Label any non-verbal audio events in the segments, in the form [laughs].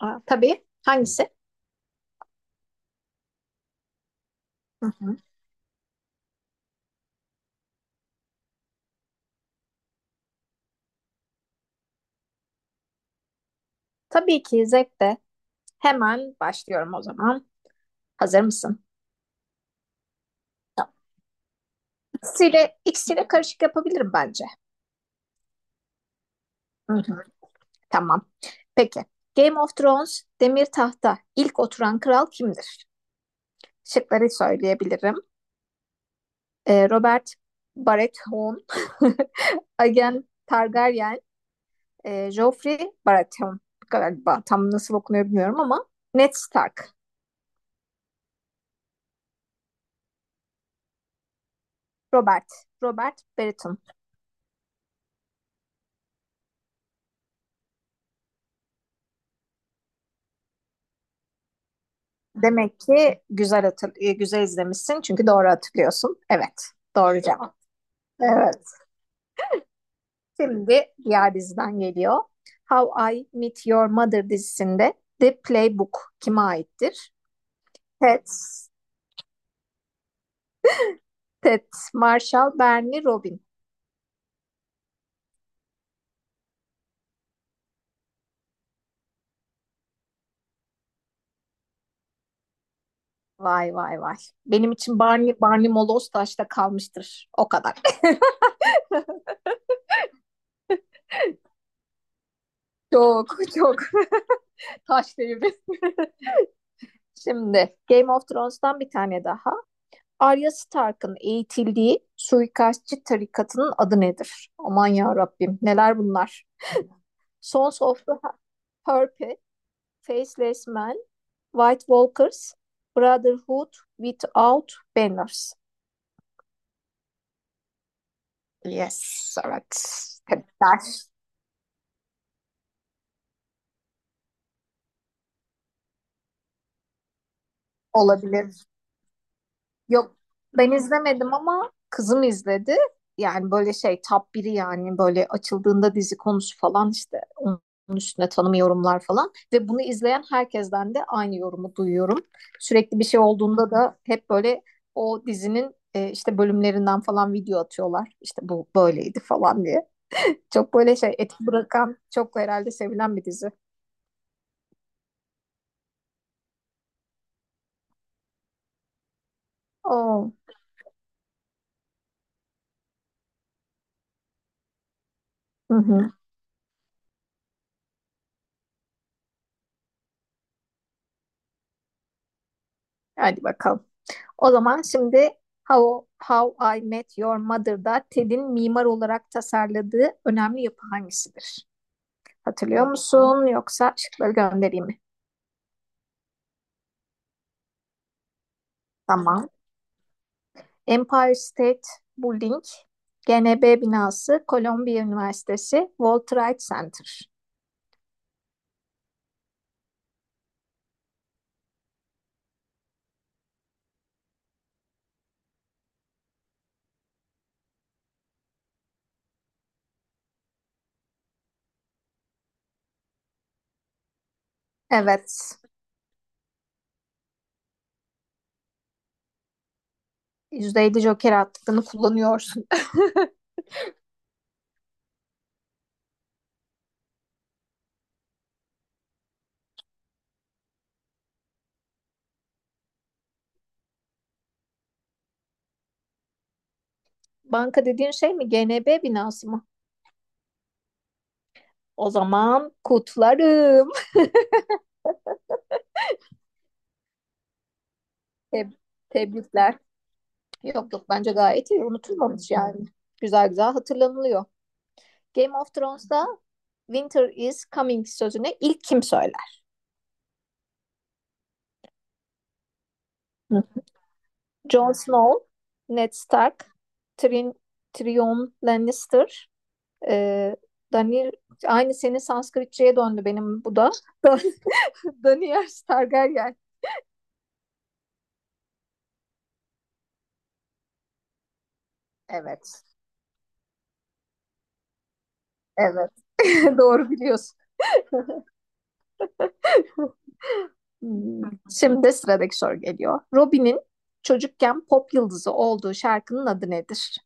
Aa, tabii. Hangisi? Hı hı. Tabii ki zevkle. Hemen başlıyorum o zaman. Hazır mısın? İkisiyle karışık yapabilirim bence. Hı hı. Tamam. Peki. Game of Thrones, Demir Taht'ta ilk oturan kral kimdir? Şıkları söyleyebilirim. Robert Baratheon, [laughs] Aegon Targaryen, Joffrey Baratheon galiba tam nasıl okunuyor bilmiyorum ama Ned Stark. Robert, Robert Baratheon. Demek ki güzel izlemişsin çünkü doğru hatırlıyorsun. Evet, doğru cevap. Evet. Şimdi diğer diziden geliyor. How I Met Your Mother dizisinde The Playbook kime aittir? Ted, Ted Marshall, Barney Robin. Vay vay vay. Benim için Barney, Barney Moloz taşta kalmıştır. O kadar. [laughs] Çok çok. Taş devri. [laughs] Şimdi Game of Thrones'tan bir tane daha. Arya Stark'ın eğitildiği suikastçı tarikatının adı nedir? Aman ya Rabbim, neler bunlar? Sons of the Purple, Faceless Men, White Walkers, Brotherhood Without Banners. Yes, evet. Tebrikler. Olabilir. Yok, ben izlemedim ama kızım izledi. Yani böyle şey top biri yani böyle açıldığında dizi konusu falan işte onun üstüne tanım yorumlar falan. Ve bunu izleyen herkesten de aynı yorumu duyuyorum. Sürekli bir şey olduğunda da hep böyle o dizinin işte bölümlerinden falan video atıyorlar. İşte bu böyleydi falan diye. Çok böyle şey etki bırakan çok herhalde sevilen bir dizi. Oo. Hı hı. Hadi bakalım. O zaman şimdi How I Met Your Mother'da Ted'in mimar olarak tasarladığı önemli yapı hangisidir? Hatırlıyor musun yoksa şıkları göndereyim mi? Tamam. Empire State Building, GNB binası, Columbia Üniversitesi, World Trade Center. Evet. %50 Joker hakkını kullanıyorsun. [laughs] Banka dediğin şey mi? GNB binası mı? O zaman kutlarım. [laughs] Teb- tebrikler. Yok yok, bence gayet iyi. Unutulmamış yani. Güzel güzel hatırlanılıyor. Game of Thrones'ta Winter is coming sözünü ilk kim söyler? Hı. Jon Snow, Ned Stark, Tyrion, Tyrion Lannister, e, Daniel aynı senin Sanskritçe'ye döndü benim bu da. [laughs] Daniel Targaryen. Evet. Evet. [laughs] Doğru biliyorsun. [laughs] Şimdi sıradaki soru geliyor. Robin'in çocukken pop yıldızı olduğu şarkının adı nedir?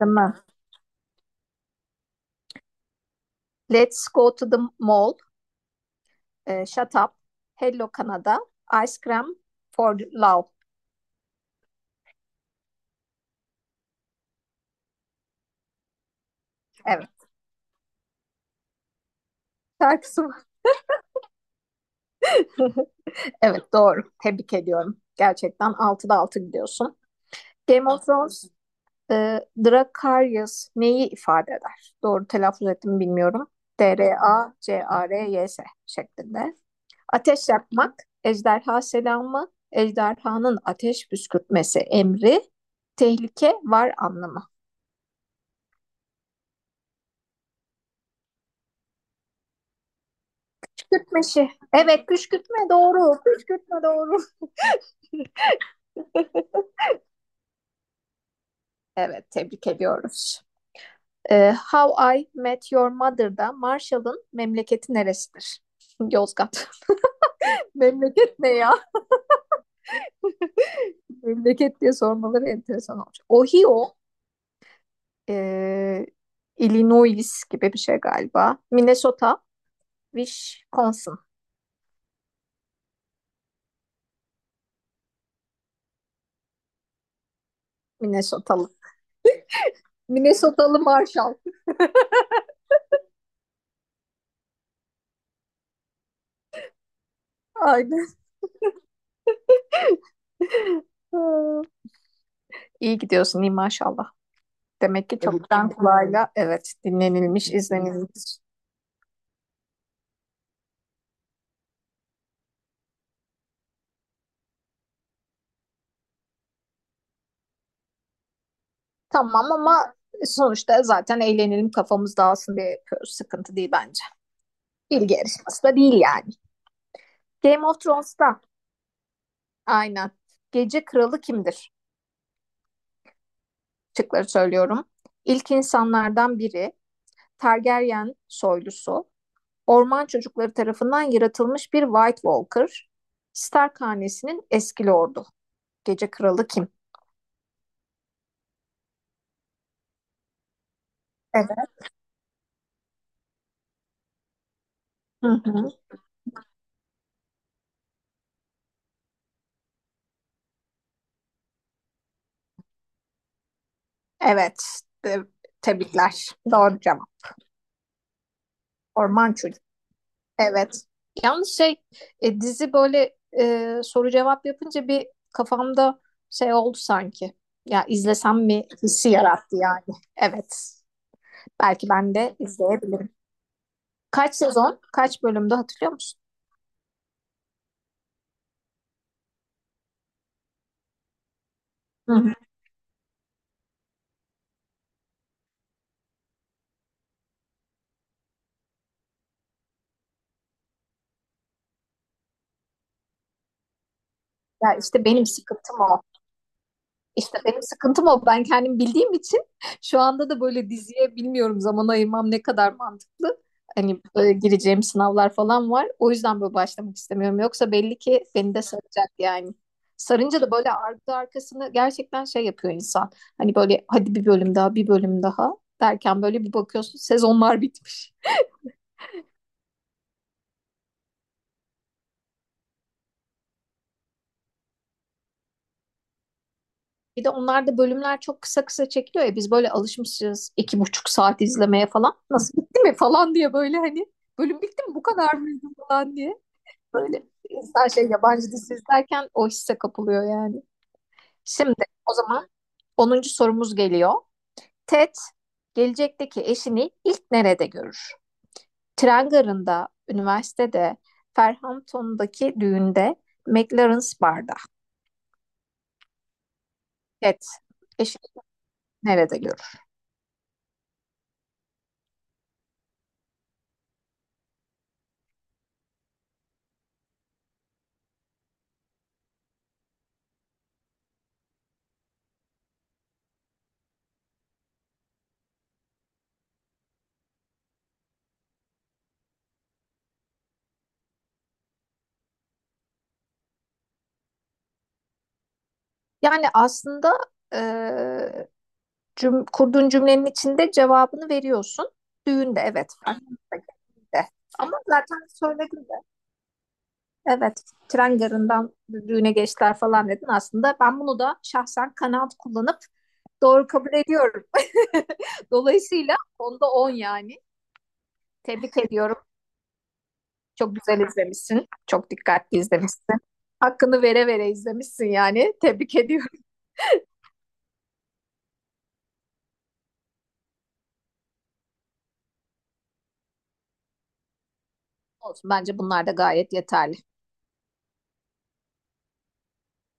Değil Let's go to the mall, Shut Up, Hello Canada, Ice Cream for Love. Evet. Şarkısı var. [laughs] Evet, doğru. Tebrik ediyorum. Gerçekten altıda 6 gidiyorsun. Game of Thrones, Dracarys neyi ifade eder? Doğru telaffuz ettim bilmiyorum. D-R-A-C-A-R-Y-S şeklinde. Ateş yakmak, ejderha selamı, ejderhanın ateş püskürtmesi emri, tehlike var anlamı. Püskürtmeşi. Evet, püskürtme doğru. Püskürtme doğru. [laughs] [laughs] Evet, tebrik ediyoruz. How I Met Your Mother'da Marshall'ın memleketi neresidir? Yozgat. [laughs] Memleket ne ya? [laughs] Memleket diye sormaları enteresan olacak. Ohio, e, Illinois gibi bir şey galiba. Minnesota, Wisconsin. Minnesotalı. Minnesotalı Marshall. Aynen. [laughs] İyi gidiyorsun, iyi maşallah. Demek ki evet, çoktan kulağıyla evet dinlenilmiş, izlenilmiş. Tamam ama sonuçta zaten eğlenelim kafamız dağılsın diye yapıyoruz. Sıkıntı değil bence. Bilgi yarışması da değil yani. Game of Thrones'ta, aynen, gece kralı kimdir? Şıkları söylüyorum. İlk insanlardan biri, Targaryen soylusu. Orman çocukları tarafından yaratılmış bir White Walker. Stark hanesinin eski lordu. Gece kralı kim? Evet. Hı hı. Evet. Te- Tebrikler. Doğru cevap. Orman çocuğu. Evet. Yalnız şey, dizi böyle, soru cevap yapınca bir kafamda şey oldu sanki. Ya izlesem mi hissi yarattı yani. Evet. Belki ben de izleyebilirim. Kaç sezon, kaç bölümde hatırlıyor musun? Hı hı. Ya işte benim sıkıntım o. İşte benim sıkıntım o. Ben kendim bildiğim için şu anda da böyle diziye bilmiyorum zaman ayırmam ne kadar mantıklı. Hani, gireceğim sınavlar falan var. O yüzden böyle başlamak istemiyorum. Yoksa belli ki beni de saracak yani. Sarınca da böyle ardı arkasını gerçekten şey yapıyor insan. Hani böyle hadi bir bölüm daha, bir bölüm daha derken böyle bir bakıyorsun sezonlar bitmiş. Bir de onlarda bölümler çok kısa kısa çekiliyor ya, biz böyle alışmışız 2,5 saat izlemeye falan. Nasıl bitti mi falan diye böyle hani bölüm bitti mi bu kadar mıydı falan diye. Böyle insan şey yabancı dizi izlerken o hisse kapılıyor yani. Şimdi o zaman 10. sorumuz geliyor. Ted gelecekteki eşini ilk nerede görür? Tren garında, üniversitede, Ferhampton'daki düğünde, McLaren's Bar'da. Ted eşini nerede görür? Yani aslında eee, kurduğun cümlenin içinde cevabını veriyorsun. Düğünde, evet, var. De. Ama zaten söyledim de. Evet, tren garından düğüne geçtiler falan dedin. Aslında ben bunu da şahsen kanaat kullanıp doğru kabul ediyorum. [laughs] Dolayısıyla 10'da 10 yani. Tebrik ediyorum. Çok güzel izlemişsin. Çok dikkatli izlemişsin. Hakkını vere vere izlemişsin yani. Tebrik ediyorum. Olsun. Bence bunlar da gayet yeterli.